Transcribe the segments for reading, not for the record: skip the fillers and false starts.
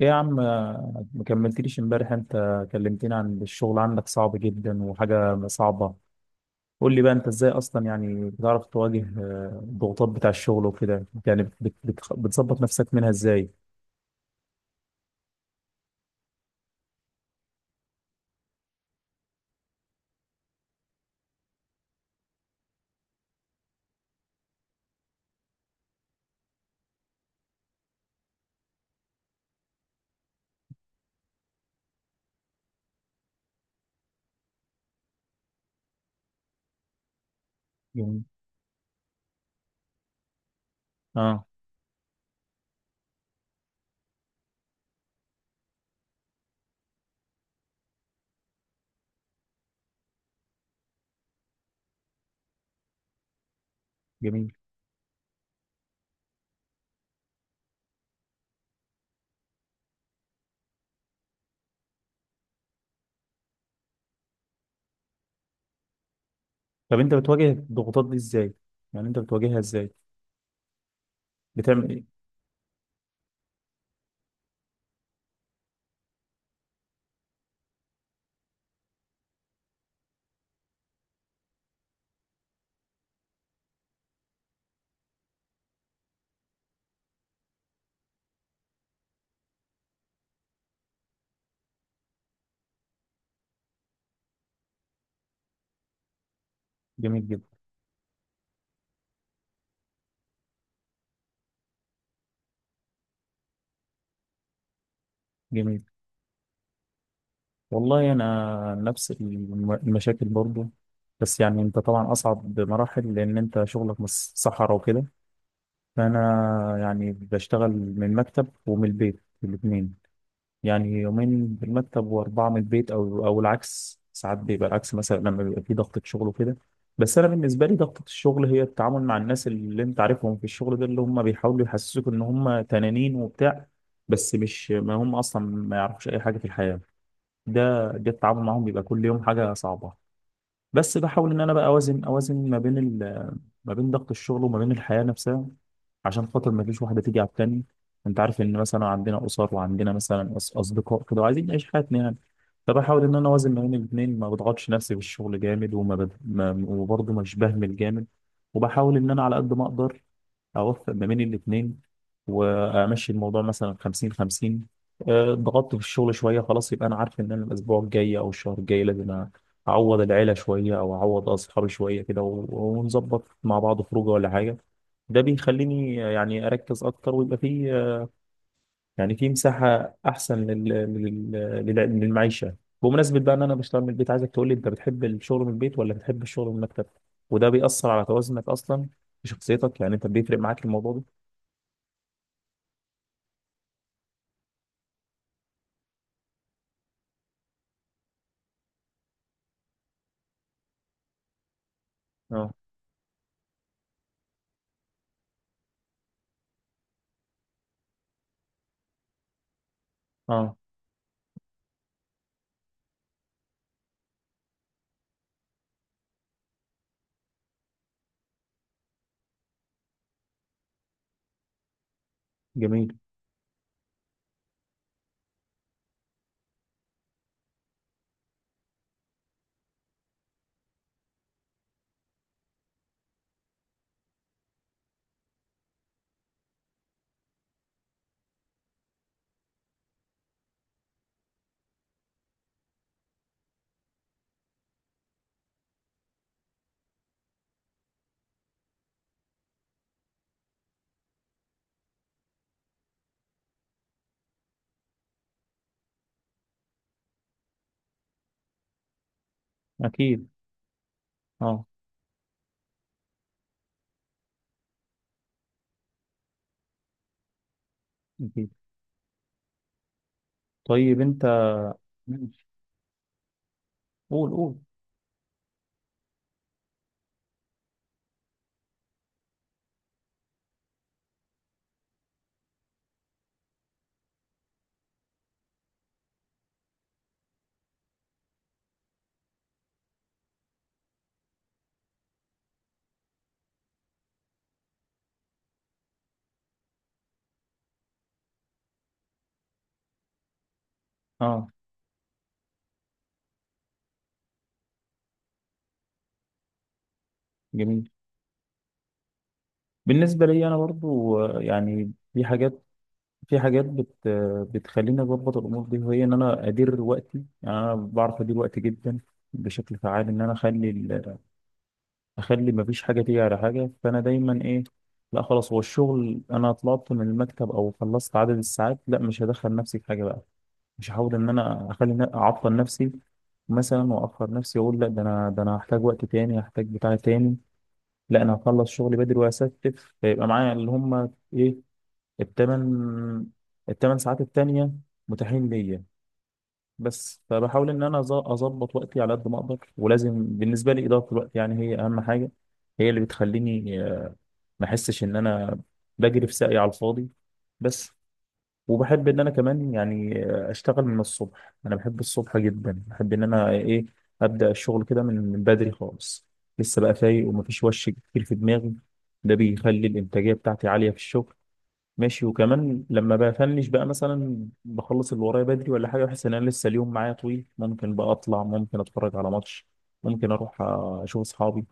ايه يا عم ما كملتليش امبارح. انت كلمتني عن الشغل عندك صعب جدا وحاجة صعبة. قول لي بقى انت ازاي اصلا، يعني بتعرف تواجه الضغوطات بتاع الشغل وكده، يعني بتظبط نفسك منها ازاي؟ جميل. اه. جميل. طب انت بتواجه الضغوطات دي ازاي؟ يعني انت بتواجهها ازاي؟ بتعمل ايه؟ جميل جدا. جميل. والله انا نفس المشاكل برضو، بس يعني انت طبعا اصعب بمراحل لان انت شغلك مش صحراء وكده. فأنا يعني بشتغل من المكتب ومن البيت الاتنين، يعني يومين في المكتب وأربعة من البيت، أو العكس ساعات بيبقى العكس، مثلا لما بيبقى في ضغطة شغل وكده. بس أنا بالنسبة لي ضغطة الشغل هي التعامل مع الناس اللي أنت عارفهم في الشغل ده، اللي هم بيحاولوا يحسسوك إن هم تنانين وبتاع، بس مش ما هم أصلا ما يعرفوش أي حاجة في الحياة. ده التعامل معاهم بيبقى كل يوم حاجة صعبة. بس بحاول ان انا بقى اوازن ما بين ما بين ضغط الشغل وما بين الحياه نفسها، عشان خاطر ما فيش واحده تيجي على التاني. انت عارف ان مثلا عندنا اسر وعندنا مثلا اصدقاء كده وعايزين نعيش حياتنا يعني. فبحاول ان انا اوازن ما بين الاثنين، ما بضغطش نفسي بالشغل جامد وما بد... ما... وبرضه مش بهمل جامد. وبحاول ان انا على قد ما اقدر اوفق ما بين الاثنين، وامشي الموضوع مثلا 50 50. ضغطت في الشغل شويه، خلاص يبقى انا عارف ان انا الاسبوع الجاي او الشهر الجاي لازم اعوض العيله شويه او اعوض اصحابي شويه كده ونظبط مع بعض خروجه ولا حاجه. ده بيخليني يعني اركز اكتر، ويبقى في يعني في مساحه احسن لل... للمعيشه. بمناسبه بقى ان انا بشتغل من البيت، عايزك تقول لي انت بتحب الشغل من البيت ولا بتحب الشغل من المكتب؟ وده بيأثر على توازنك اصلا في شخصيتك؟ يعني انت بيفرق معاك الموضوع ده؟ اه. اه. جميل. اكيد. اه. اكيد. طيب انت. ماشي. قول قول. اه. جميل. بالنسبه لي انا برضو يعني في حاجات، في حاجات بت آه، بتخليني اظبط الامور دي، وهي ان انا ادير وقتي، يعني انا بعرف ادير وقتي جدا بشكل فعال، ان انا اخلي اخلي ما فيش حاجه تيجي على حاجه. فانا دايما ايه، لا خلاص هو الشغل انا طلعت من المكتب او خلصت عدد الساعات، لا مش هدخل نفسي في حاجه بقى، مش هحاول ان انا اخلي اعطل نفسي مثلا واخر نفسي، اقول لا ده انا ده انا هحتاج وقت تاني هحتاج بتاع تاني، لا انا هخلص شغلي بدري واستف، فيبقى معايا اللي هم ايه، التمن التمن ساعات التانية متاحين ليا. بس فبحاول ان انا اظبط وقتي على قد ما اقدر، ولازم بالنسبه لي اداره الوقت يعني هي اهم حاجه، هي اللي بتخليني ما احسش ان انا بجري في ساقي على الفاضي بس. وبحب ان انا كمان يعني اشتغل من الصبح، انا بحب الصبح جدا، بحب ان انا ايه، ابدا الشغل كده من بدري خالص، لسه بقى فايق ومفيش وش كتير في دماغي. ده بيخلي الانتاجيه بتاعتي عاليه في الشغل. ماشي، وكمان لما بفنش بقى مثلا بخلص اللي ورايا بدري ولا حاجه، بحس ان انا لسه اليوم معايا طويل، ممكن بقى اطلع، ممكن اتفرج على ماتش، ممكن اروح اشوف اصحابي.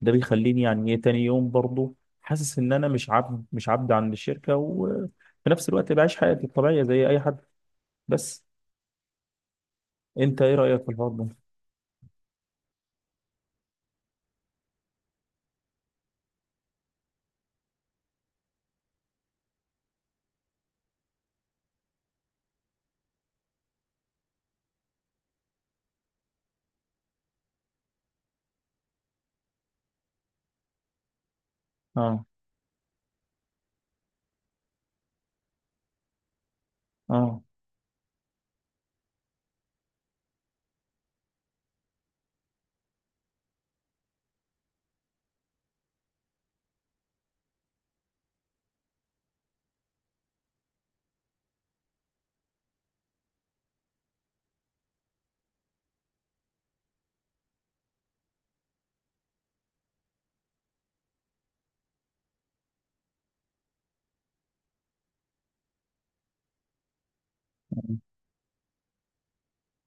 ده بيخليني يعني ايه تاني يوم برضه حاسس ان انا مش عبد عند الشركه، وفي نفس الوقت بعيش حياتي الطبيعيه زي اي حد بس. انت ايه رايك في الحوار ده؟ اه. اه.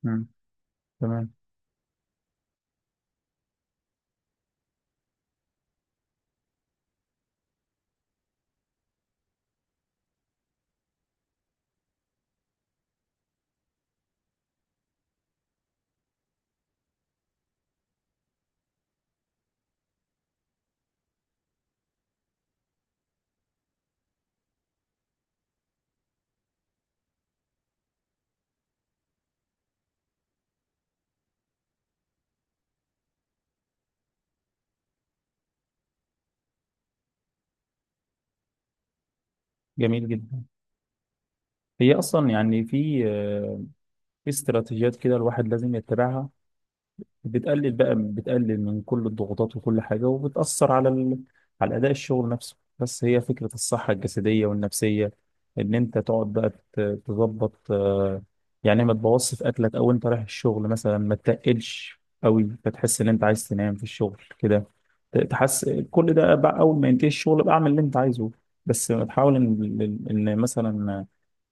مم. تمام. جميل جدا. هي اصلا يعني في في استراتيجيات كده الواحد لازم يتبعها، بتقلل بقى، بتقلل من كل الضغوطات وكل حاجة، وبتأثر على على أداء الشغل نفسه. بس هي فكرة الصحة الجسدية والنفسية، إن أنت تقعد بقى تظبط يعني ما تبوظش في أكلك، أو أنت رايح الشغل مثلا ما تتقلش قوي فتحس إن أنت عايز تنام في الشغل كده. تحس كل ده بقى أول ما ينتهي الشغل بقى أعمل اللي أنت عايزه، بس تحاول إن مثلا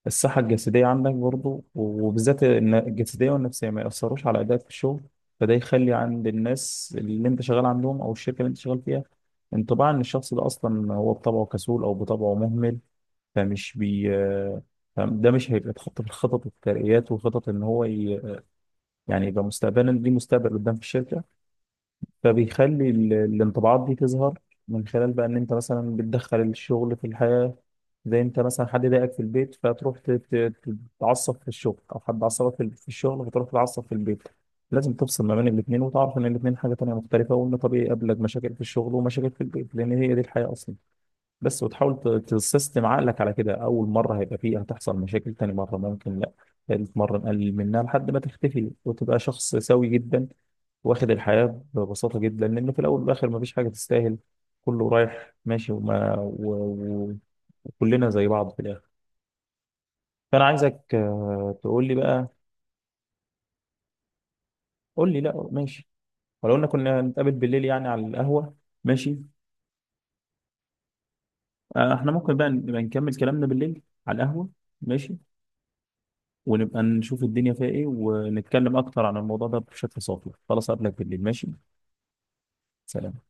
الصحة الجسدية عندك برضو، وبالذات إن الجسدية والنفسية ما يأثروش على أدائك في الشغل. فده يخلي عند الناس اللي أنت شغال عندهم أو الشركة اللي أنت شغال فيها انطباع إن الشخص ده أصلا هو بطبعه كسول أو بطبعه مهمل. فمش بي، ده مش هيبقى اتحط في الخطط والترقيات، وخطط إن هو يعني يبقى مستقبلا ليه مستقبل قدام في الشركة. فبيخلي الانطباعات دي تظهر من خلال بقى ان انت مثلا بتدخل الشغل في الحياة، زي انت مثلا حد ضايقك في البيت فتروح تتعصب في الشغل، او حد عصبك في الشغل فتروح تتعصب في البيت. لازم تفصل ما بين الاثنين، وتعرف ان الاثنين حاجة تانية مختلفة، وان طبيعي يقابلك مشاكل في الشغل ومشاكل في البيت، لان هي دي الحياة اصلا بس. وتحاول تسيستم عقلك على كده، اول مره هيبقى فيه هتحصل مشاكل، تاني مره ممكن لا، ثالث مره نقلل منها لحد ما تختفي، وتبقى شخص سوي جدا، واخد الحياه ببساطه جدا، لان في الاول والاخر مفيش حاجه تستاهل، كله رايح ماشي وكلنا زي بعض في الاخر. فانا عايزك تقول لي بقى. قول لي. لا ماشي، ولو ان كنا نتقابل بالليل يعني على القهوه. ماشي. احنا ممكن بقى نبقى نكمل كلامنا بالليل على القهوه. ماشي، ونبقى نشوف الدنيا فيها ايه، ونتكلم اكتر عن الموضوع ده بشكل صافي خلاص. قبلك بالليل. ماشي. سلام.